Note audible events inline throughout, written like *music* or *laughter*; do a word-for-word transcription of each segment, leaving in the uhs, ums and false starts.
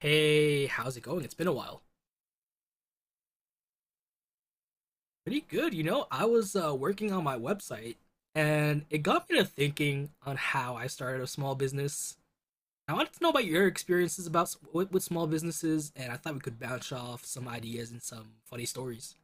Hey, how's it going? It's been a while. Pretty good, you know. I was uh, working on my website and it got me to thinking on how I started a small business. I wanted to know about your experiences about s- with, with small businesses and I thought we could bounce off some ideas and some funny stories.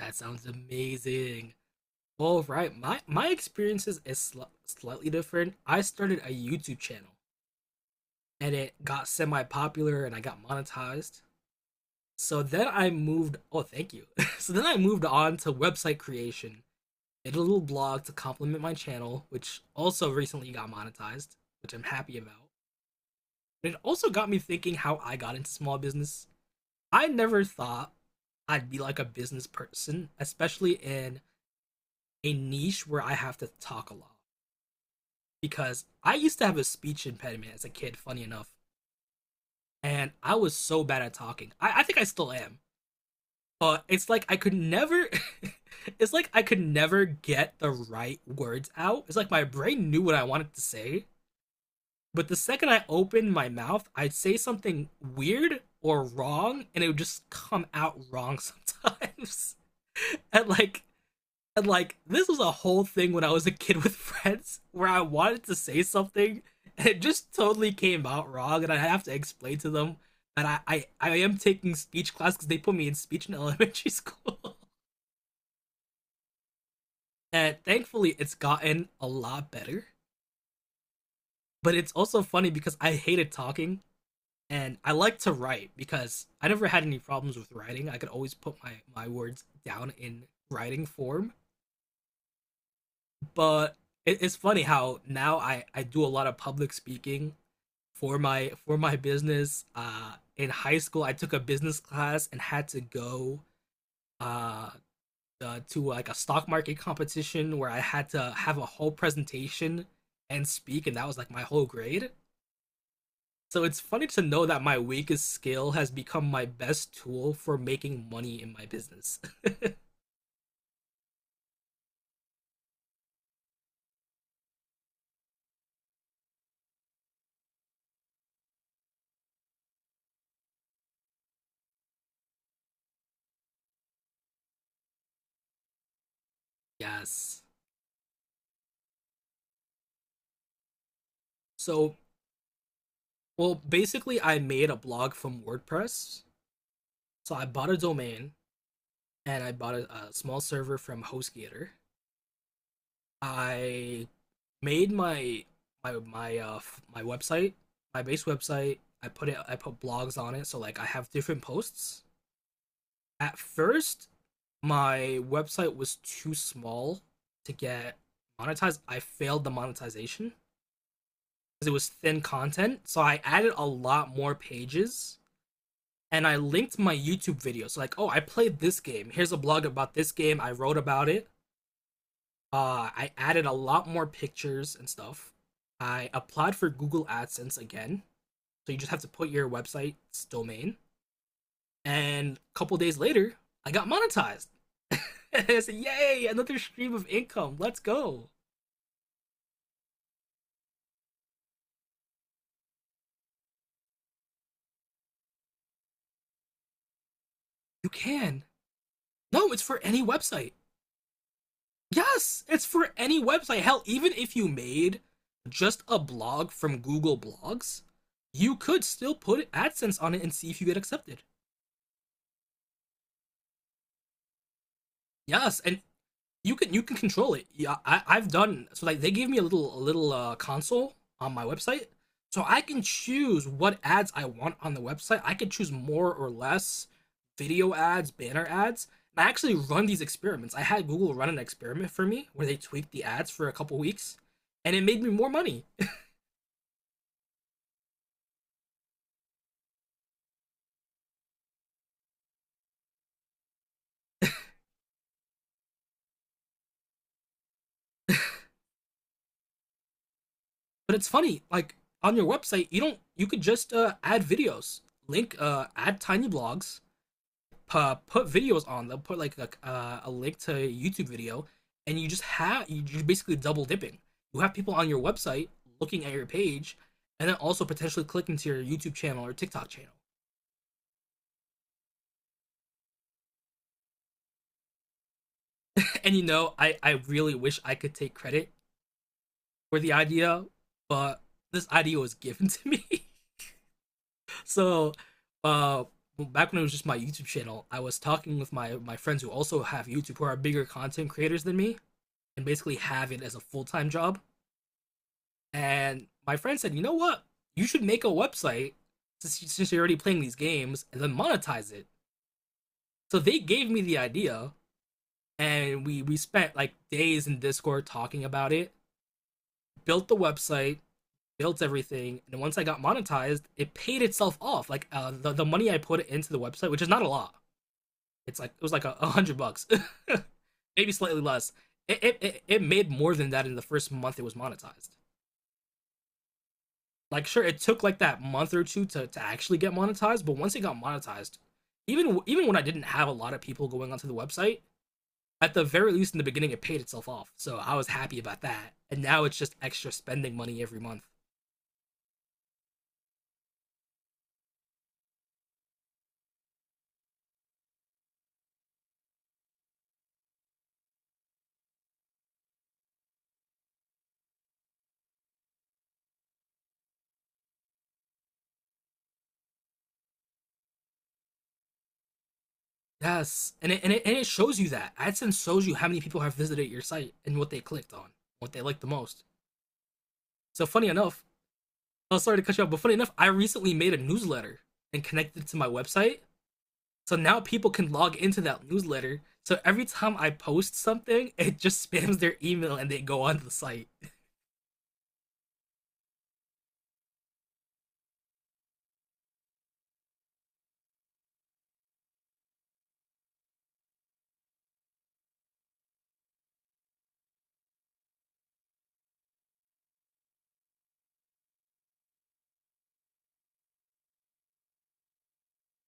That sounds amazing. All right, my my experiences is sl- slightly different. I started a YouTube channel and it got semi-popular and I got monetized. So then I moved. Oh, thank you. *laughs* so then I moved on to website creation. Did a little blog to complement my channel, which also recently got monetized, which I'm happy about. But it also got me thinking how I got into small business. I never thought I'd be like a business person, especially in a niche where I have to talk a lot. Because I used to have a speech impediment as a kid, funny enough, and I was so bad at talking. I, I think I still am. Uh, it's like I could never. *laughs* it's like I could never get the right words out. It's like my brain knew what I wanted to say, but the second I opened my mouth, I'd say something weird or wrong, and it would just come out wrong sometimes. *laughs* and like, and like, this was a whole thing when I was a kid with *laughs* friends where I wanted to say something, and it just totally came out wrong, and I have to explain to them. that I, I, I am taking speech class because they put me in speech in elementary school. *laughs* And thankfully, it's gotten a lot better. But it's also funny because I hated talking and I like to write because I never had any problems with writing. I could always put my, my words down in writing form. But it, it's funny how now I, I do a lot of public speaking for my for my business. Uh, in high school, I took a business class and had to go uh, uh, to like a stock market competition where I had to have a whole presentation and speak, and that was like my whole grade. So it's funny to know that my weakest skill has become my best tool for making money in my business. *laughs* yes. So, well, basically, I made a blog from WordPress. So I bought a domain and I bought a, a small server from HostGator. I made my my my uh my website, my base website. I put it. I put blogs on it, so like I have different posts. At first, my website was too small to get monetized. I failed the monetization because it was thin content. So I added a lot more pages and I linked my YouTube videos. So like, oh, I played this game. Here's a blog about this game. I wrote about it. Uh, I added a lot more pictures and stuff. I applied for Google AdSense again. So you just have to put your website's domain. And a couple days later, I got monetized. *laughs* and I said, "Yay, another stream of income. Let's go." You can. No, it's for any website. Yes, it's for any website. Hell, even if you made just a blog from Google Blogs, you could still put AdSense on it and see if you get accepted. Yes, and you can you can control it. Yeah, I, I've done so like they gave me a little a little uh, console on my website, so I can choose what ads I want on the website. I can choose more or less video ads, banner ads. And I actually run these experiments. I had Google run an experiment for me where they tweaked the ads for a couple weeks, and it made me more money. But it's funny, like on your website, you don't you could just uh, add videos, link uh, add tiny blogs, uh, put videos on. They'll put like a, uh, a link to a YouTube video, and you just have you're basically double dipping. You have people on your website looking at your page, and then also potentially clicking to your YouTube channel or TikTok channel. *laughs* And you know, I I really wish I could take credit for the idea, but this idea was given to me. *laughs* so, uh, back when it was just my YouTube channel, I was talking with my my friends who also have YouTube, who are bigger content creators than me, and basically have it as a full time job. And my friend said, "You know what? You should make a website since you're already playing these games and then monetize it." So they gave me the idea, and we we spent like days in Discord talking about it. Built the website, built everything, and once I got monetized, it paid itself off. Like uh, the the money I put into the website, which is not a lot. It's like it was like a, a hundred bucks, *laughs* maybe slightly less. it it it made more than that in the first month it was monetized. Like, sure, it took like that month or two to, to actually get monetized, but once it got monetized, even even when I didn't have a lot of people going onto the website, at the very least in the beginning, it paid itself off. So I was happy about that. And now it's just extra spending money every month. Yes, and it, and it, and it shows you that AdSense shows you how many people have visited your site and what they clicked on, what they liked the most. So funny enough, oh sorry to cut you off, but funny enough, I recently made a newsletter and connected it to my website. So now people can log into that newsletter. So every time I post something, *laughs* it just spams their email and they go onto the site.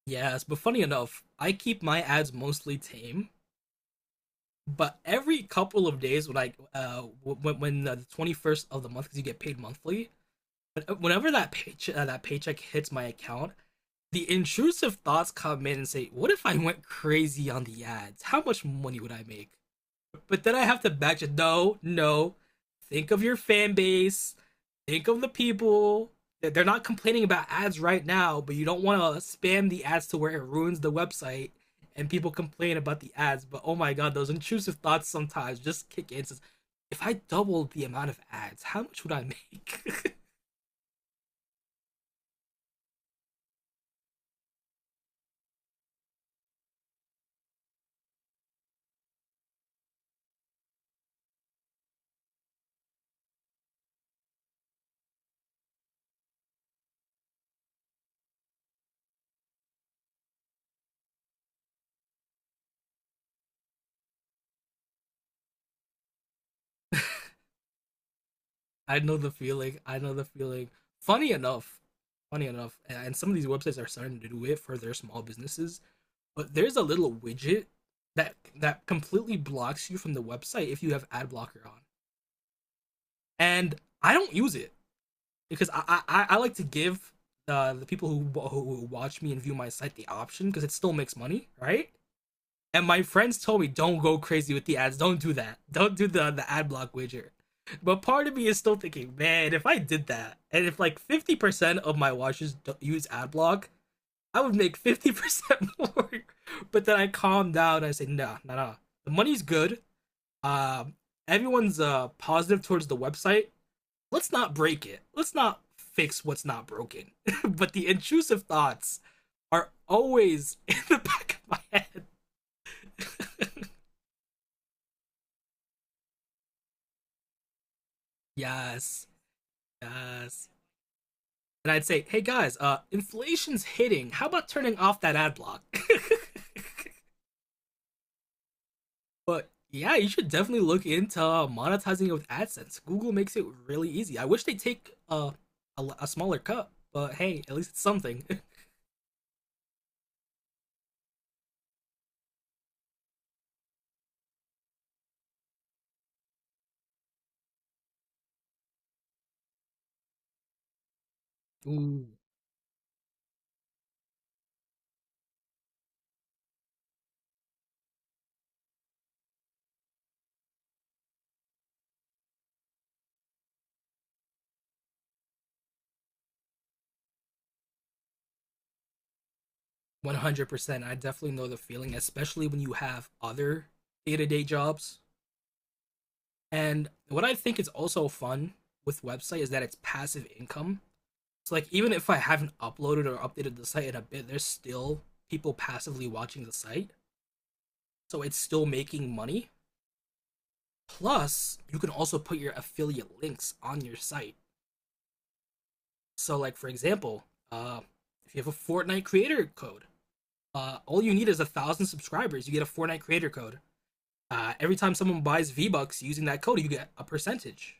Yes, but funny enough, I keep my ads mostly tame. But every couple of days, when I uh when, when uh, the twenty first of the month, because you get paid monthly, but whenever that payche- uh, that paycheck hits my account, the intrusive thoughts come in and say, "What if I went crazy on the ads? How much money would I make?" But then I have to match it. No, no. Think of your fan base. Think of the people that they're not complaining about ads right now, but you don't want to spam the ads to where it ruins the website and people complain about the ads. But oh my god, those intrusive thoughts sometimes just kick in. Says, if I doubled the amount of ads, how much would I make? *laughs* I know the feeling. I know the feeling. Funny enough, funny enough, and some of these websites are starting to do it for their small businesses, but there's a little widget that that completely blocks you from the website if you have ad blocker on. And I don't use it because I I, I like to give uh, the people who who watch me and view my site the option because it still makes money, right? And my friends told me don't go crazy with the ads, don't do that, don't do the the ad block widget. But part of me is still thinking, man, if I did that, and if like fifty percent of my watchers use ad block, I would make fifty percent more. *laughs* But then I calmed down. I said, nah, nah, nah. The money's good. Um, everyone's uh, positive towards the website. Let's not break it. Let's not fix what's not broken. *laughs* but the intrusive thoughts are always *laughs* in the back of my head. *laughs* yes, yes. And I'd say, "Hey guys, uh, inflation's hitting. How about turning off that ad block?" *laughs* But yeah, you should definitely look into uh, monetizing it with AdSense. Google makes it really easy. I wish they take a a a smaller cut, but hey, at least it's something. *laughs* Ooh, one hundred percent. I definitely know the feeling, especially when you have other day-to-day jobs. And what I think is also fun with website is that it's passive income. So like even if I haven't uploaded or updated the site in a bit, there's still people passively watching the site. So it's still making money Plus, you can also put your affiliate links on your site. So, like for example, uh, if you have a Fortnite creator code, uh, all you need is a thousand subscribers. You get a Fortnite creator code. Uh, every time someone buys V Bucks using that code, you get a percentage.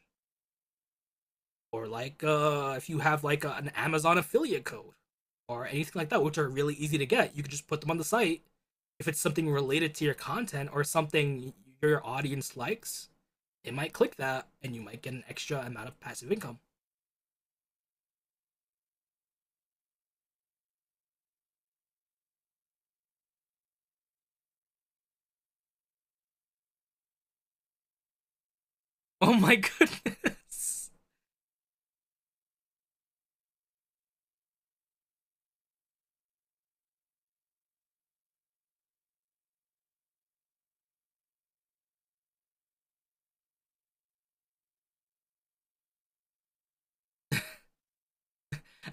Or like uh, if you have like a, an Amazon affiliate code or anything like that, which are really easy to get, you can just put them on the site. If it's something related to your content or something your audience likes, it might click that, and you might get an extra amount of passive income. Oh my goodness.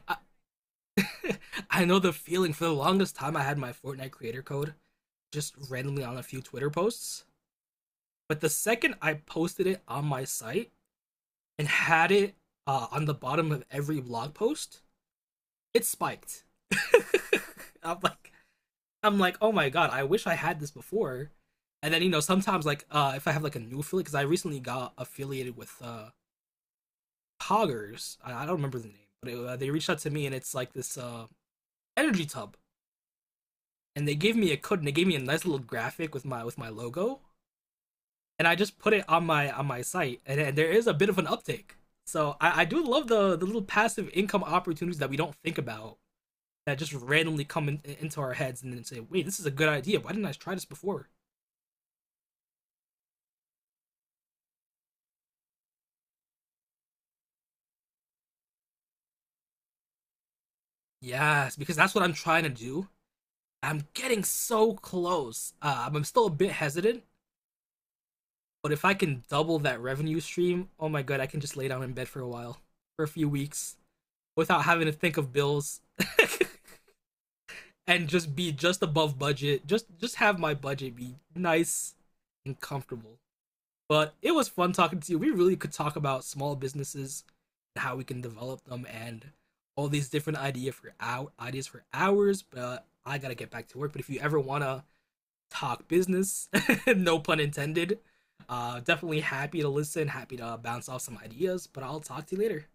I, *laughs* I know the feeling. For the longest time, I had my Fortnite creator code just randomly on a few Twitter posts. But the second I posted it on my site and had it uh, on the bottom of every blog post, it spiked. *laughs* I'm like, I'm like, oh my god, I wish I had this before. And then you know, sometimes like uh, if I have like a new affiliate, because I recently got affiliated with uh, Poggers. I, I don't remember the name, but it, uh, they reached out to me, and it's like this uh, energy tub and they gave me a code and they gave me a nice little graphic with my with my logo and I just put it on my on my site and, and there is a bit of an uptick. So I, I do love the the little passive income opportunities that we don't think about that just randomly come in, into our heads and then say, wait, this is a good idea. Why didn't I try this before? Yes, because that's what I'm trying to do. I'm getting so close. Uh, I'm- I'm still a bit hesitant, but if I can double that revenue stream, oh my god, I can just lay down in bed for a while, for a few weeks, without having to think of bills. *laughs* and just be just above budget. Just just have my budget be nice and comfortable. But it was fun talking to you. We really could talk about small businesses and how we can develop them and all these different idea for hour, ideas for hours, but I gotta get back to work. But if you ever wanna talk business, *laughs* no pun intended, uh, definitely happy to listen, happy to bounce off some ideas. But I'll talk to you later.